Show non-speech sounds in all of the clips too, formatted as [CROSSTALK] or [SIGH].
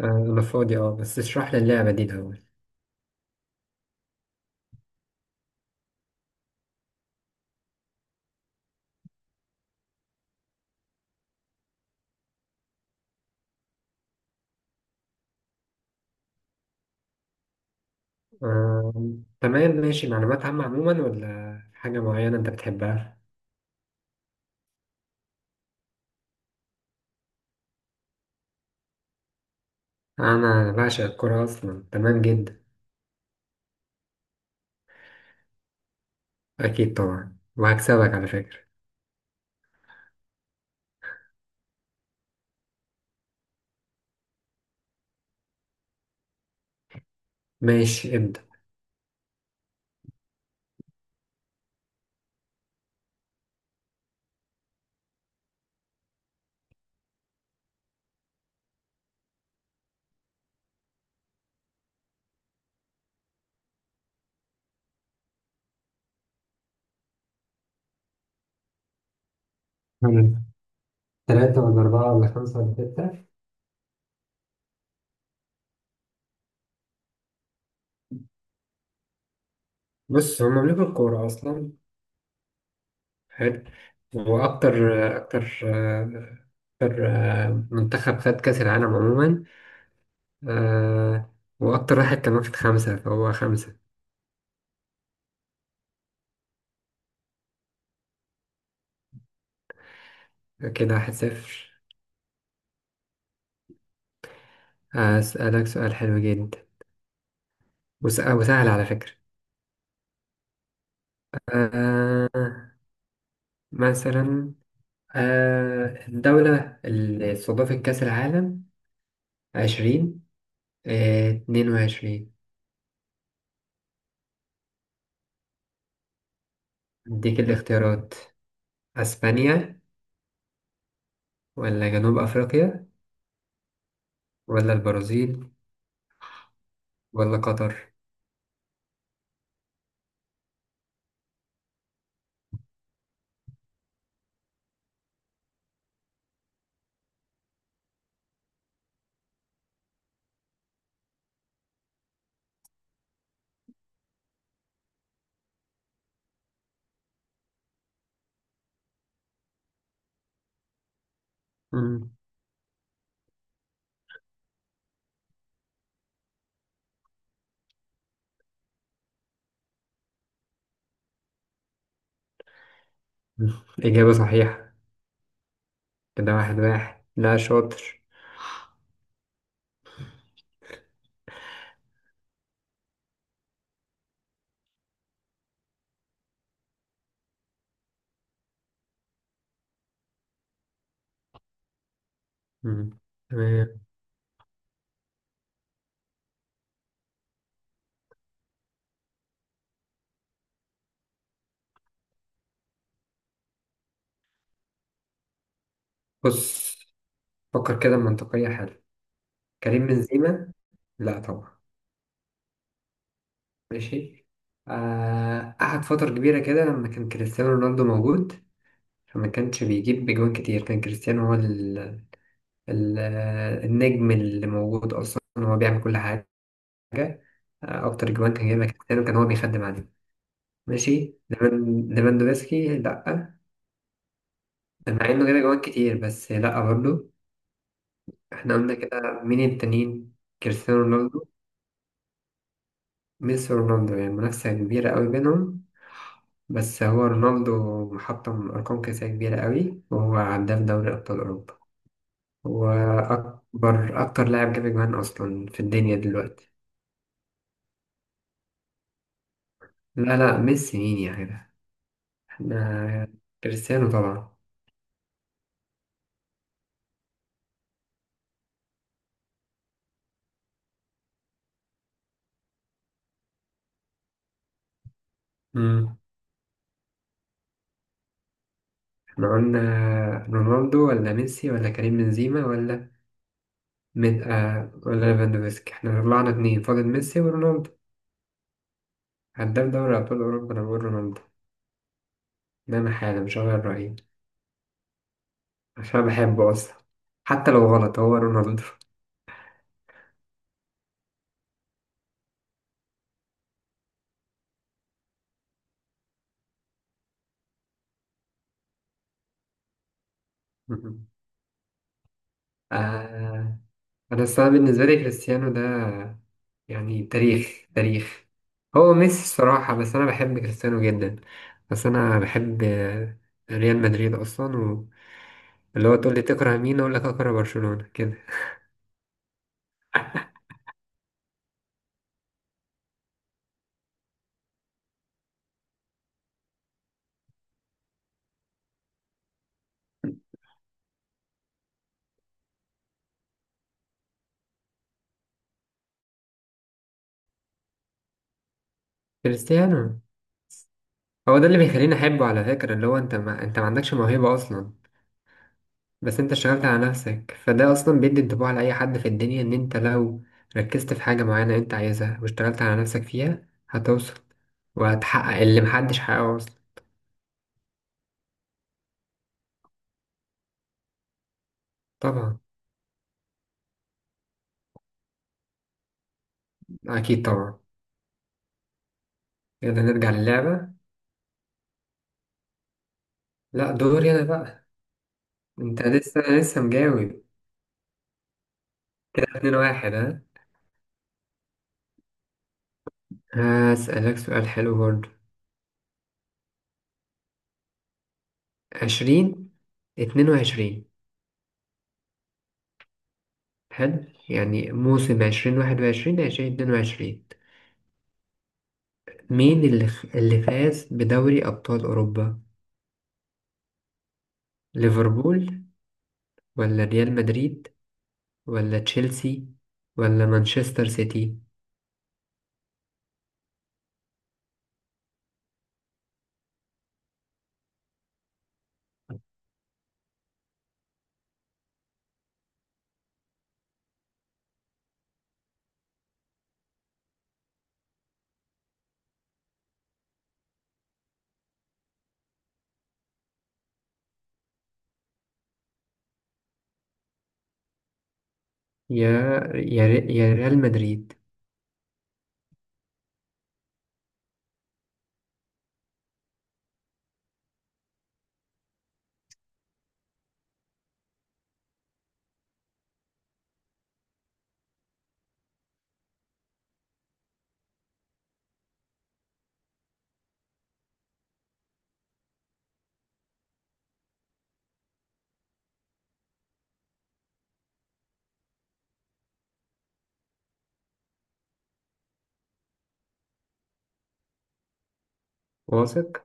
آه، أنا فاضي بس اشرح لي اللعبة دي الأول. آه. تمام، ماشي. معلومات عامة عموما ولا حاجة معينة أنت بتحبها؟ أنا بعشق الكورة أصلا، تمام جدا. أكيد طبعا، وهكسبك على فكرة. ماشي، ابدأ. حلو. تلاتة ولا أربعة ولا خمسة ولا ستة. بص، هما ملوك الكورة أصلا. حلو. وأكتر أكتر، منتخب خد كأس العالم عموما. آه، وأكتر واحد كمان خد خمسة، فهو خمسة. كده واحد صفر. هسألك سؤال حلو جدا وسهل على فكرة. آه مثلا، الدولة اللي استضافت كأس العالم، عشرين آه، اتنين وعشرين. أديك الاختيارات: أسبانيا ولا جنوب أفريقيا ولا البرازيل ولا قطر؟ مم. [LAUGHS] إجابة صحيحة. كده واحد واحد. لا، شاطر. مم. تمام. بص، فكر كده منطقية. حلو. كريم بنزيما، لا طبعا. ماشي. قعد فترة كبيرة كده لما كان كريستيانو رونالدو موجود. فما كانش بيجيب بجوان كتير، كان كريستيانو هو ال ال آه، النجم اللي موجود أصلا، هو بيعمل كل حاجة. آه، أكتر جوان كان جايبها كريستيانو، كان هو بيخدم عليه. ماشي. ليفاندوفسكي لأ. مع إنه جايب جوان كتير، بس لأ برضه. إحنا قلنا كده، مين التانيين؟ كريستيانو رونالدو. ميسي ورونالدو، يعني منافسة كبيرة قوي بينهم. بس هو رونالدو محطم أرقام قياسية كبيرة قوي، وهو هداف دوري أبطال أوروبا. هو أكتر لاعب جاب أجوان أصلا في الدنيا دلوقتي. لا لا، ميسي مين يا جدع؟ احنا، كريستيانو طبعا. مم. احنا قلنا رونالدو ولا ميسي ولا كريم بنزيما ولا مد... آه ولا ليفاندوفسكي. احنا طلعنا اتنين فاضل: ميسي ورونالدو. هداف دوري أبطال أوروبا، أنا بقول رونالدو. ده أنا حالا مش هغير رأيي، عشان بحبه أصلا. حتى لو غلط، هو رونالدو. [LAUGHS] آه أنا الصراحة بالنسبة لي كريستيانو ده، يعني تاريخ تاريخ. هو ميسي الصراحة، بس أنا بحب كريستيانو جدا. بس أنا بحب ريال مدريد أصلا. واللي هو تقول لي تكره مين، أقول لك أكره برشلونة كده. كريستيانو هو ده اللي بيخليني أحبه على فكرة، اللي هو أنت ما عندكش موهبة أصلا. بس انت اشتغلت على نفسك، فده اصلا بيدي انطباع لاي حد في الدنيا ان انت لو ركزت في حاجة معينة انت عايزها واشتغلت على نفسك فيها، هتوصل وهتحقق اللي محدش حققه اصلا. طبعا. اكيد طبعا. يلا نرجع للعبة. لا، دوري انا بقى. انت لسه مجاوب. اتنين واحد. ها، هسألك سؤال حلو برضه. عشرين اتنين وعشرين. حلو. يعني موسم عشرين واحد وعشرين، عشرين اتنين وعشرين. مين اللي فاز بدوري أبطال أوروبا؟ ليفربول ولا ريال مدريد ولا تشيلسي ولا مانشستر سيتي؟ يا يا ريال مدريد. واثق.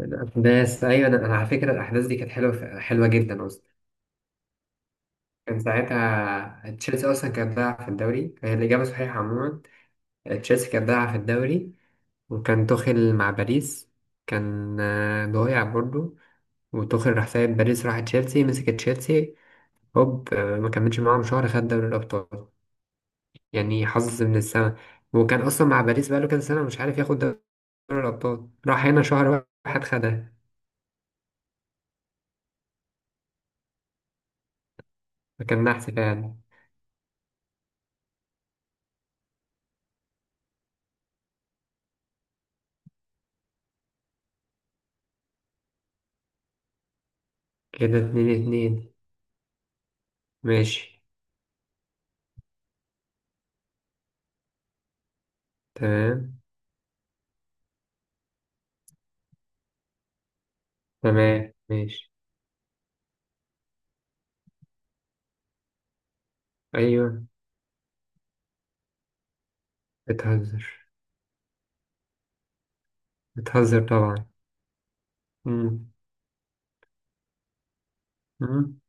الأحداث أيوة. أنا على فكرة الأحداث دي كانت حلوة حلوة جدا أصلا. كان ساعتها تشيلسي أصلا كانت ضايعة في الدوري، هي الإجابة صحيحة عموما. تشيلسي كانت ضايعة في الدوري، وكان توخيل مع باريس كان ضايع برضه. وتوخيل راح سايب باريس، راح تشيلسي، مسك تشيلسي هوب. ما كملش معاهم شهر، خد دوري الأبطال. يعني حظ من السما. وكان اصلا مع باريس بقاله كام سنه مش عارف ياخد دوري الابطال، راح هنا شهر واحد خدها. فكان نحس فعلا. كده اتنين اتنين. ماشي. تمام تمام، ماشي. ايوه، بتهزر، بتهزر طبعا. مم. مم.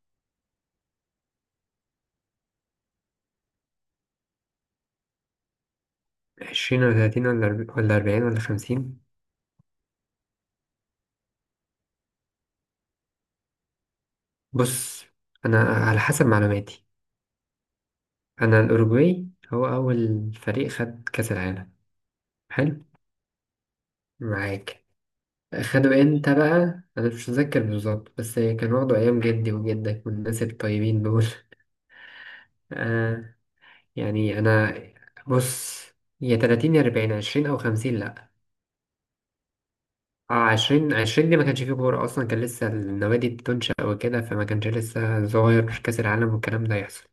عشرين ولا تلاتين ولا أربعين ولا خمسين. بص، أنا على حسب معلوماتي، أنا الأوروجواي هو أول فريق خد كأس العالم. حلو، معاك، خدوا انت بقى. انا مش متذكر بالظبط بس كان واخده ايام جدي وجدك والناس الطيبين دول. [LAUGHS] آه، يعني انا، بص، يا 30 يا 40، 20 او 50 لا. اه، 20 دي ما كانش فيه كوره اصلا، كان لسه النوادي بتنشأ وكده، فما كانش لسه صغير كاس العالم والكلام ده يحصل.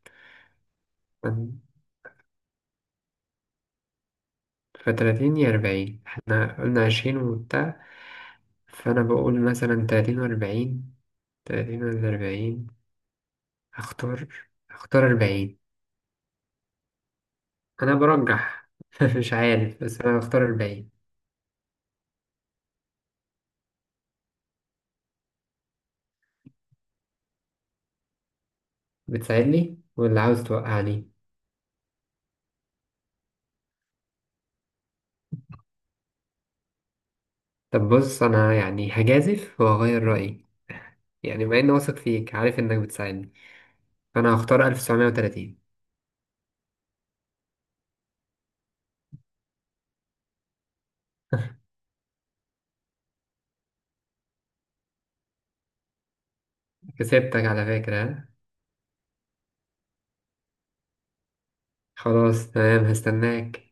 ف، 30 يا 40، احنا قلنا 20 وبتاع. فانا بقول مثلا، 30 و40، 30 ولا 40؟ هختار هختار 40. انا برجح، [LAUGHS] مش عارف، بس انا هختار الباقي. بتساعدني واللي عاوز توقعني. طب بص، انا يعني هجازف وهغير رأيي. يعني بما اني واثق فيك، عارف انك بتساعدني، فانا هختار 1930. كسبتك على فكرة، ها؟ خلاص، تمام، هستناك.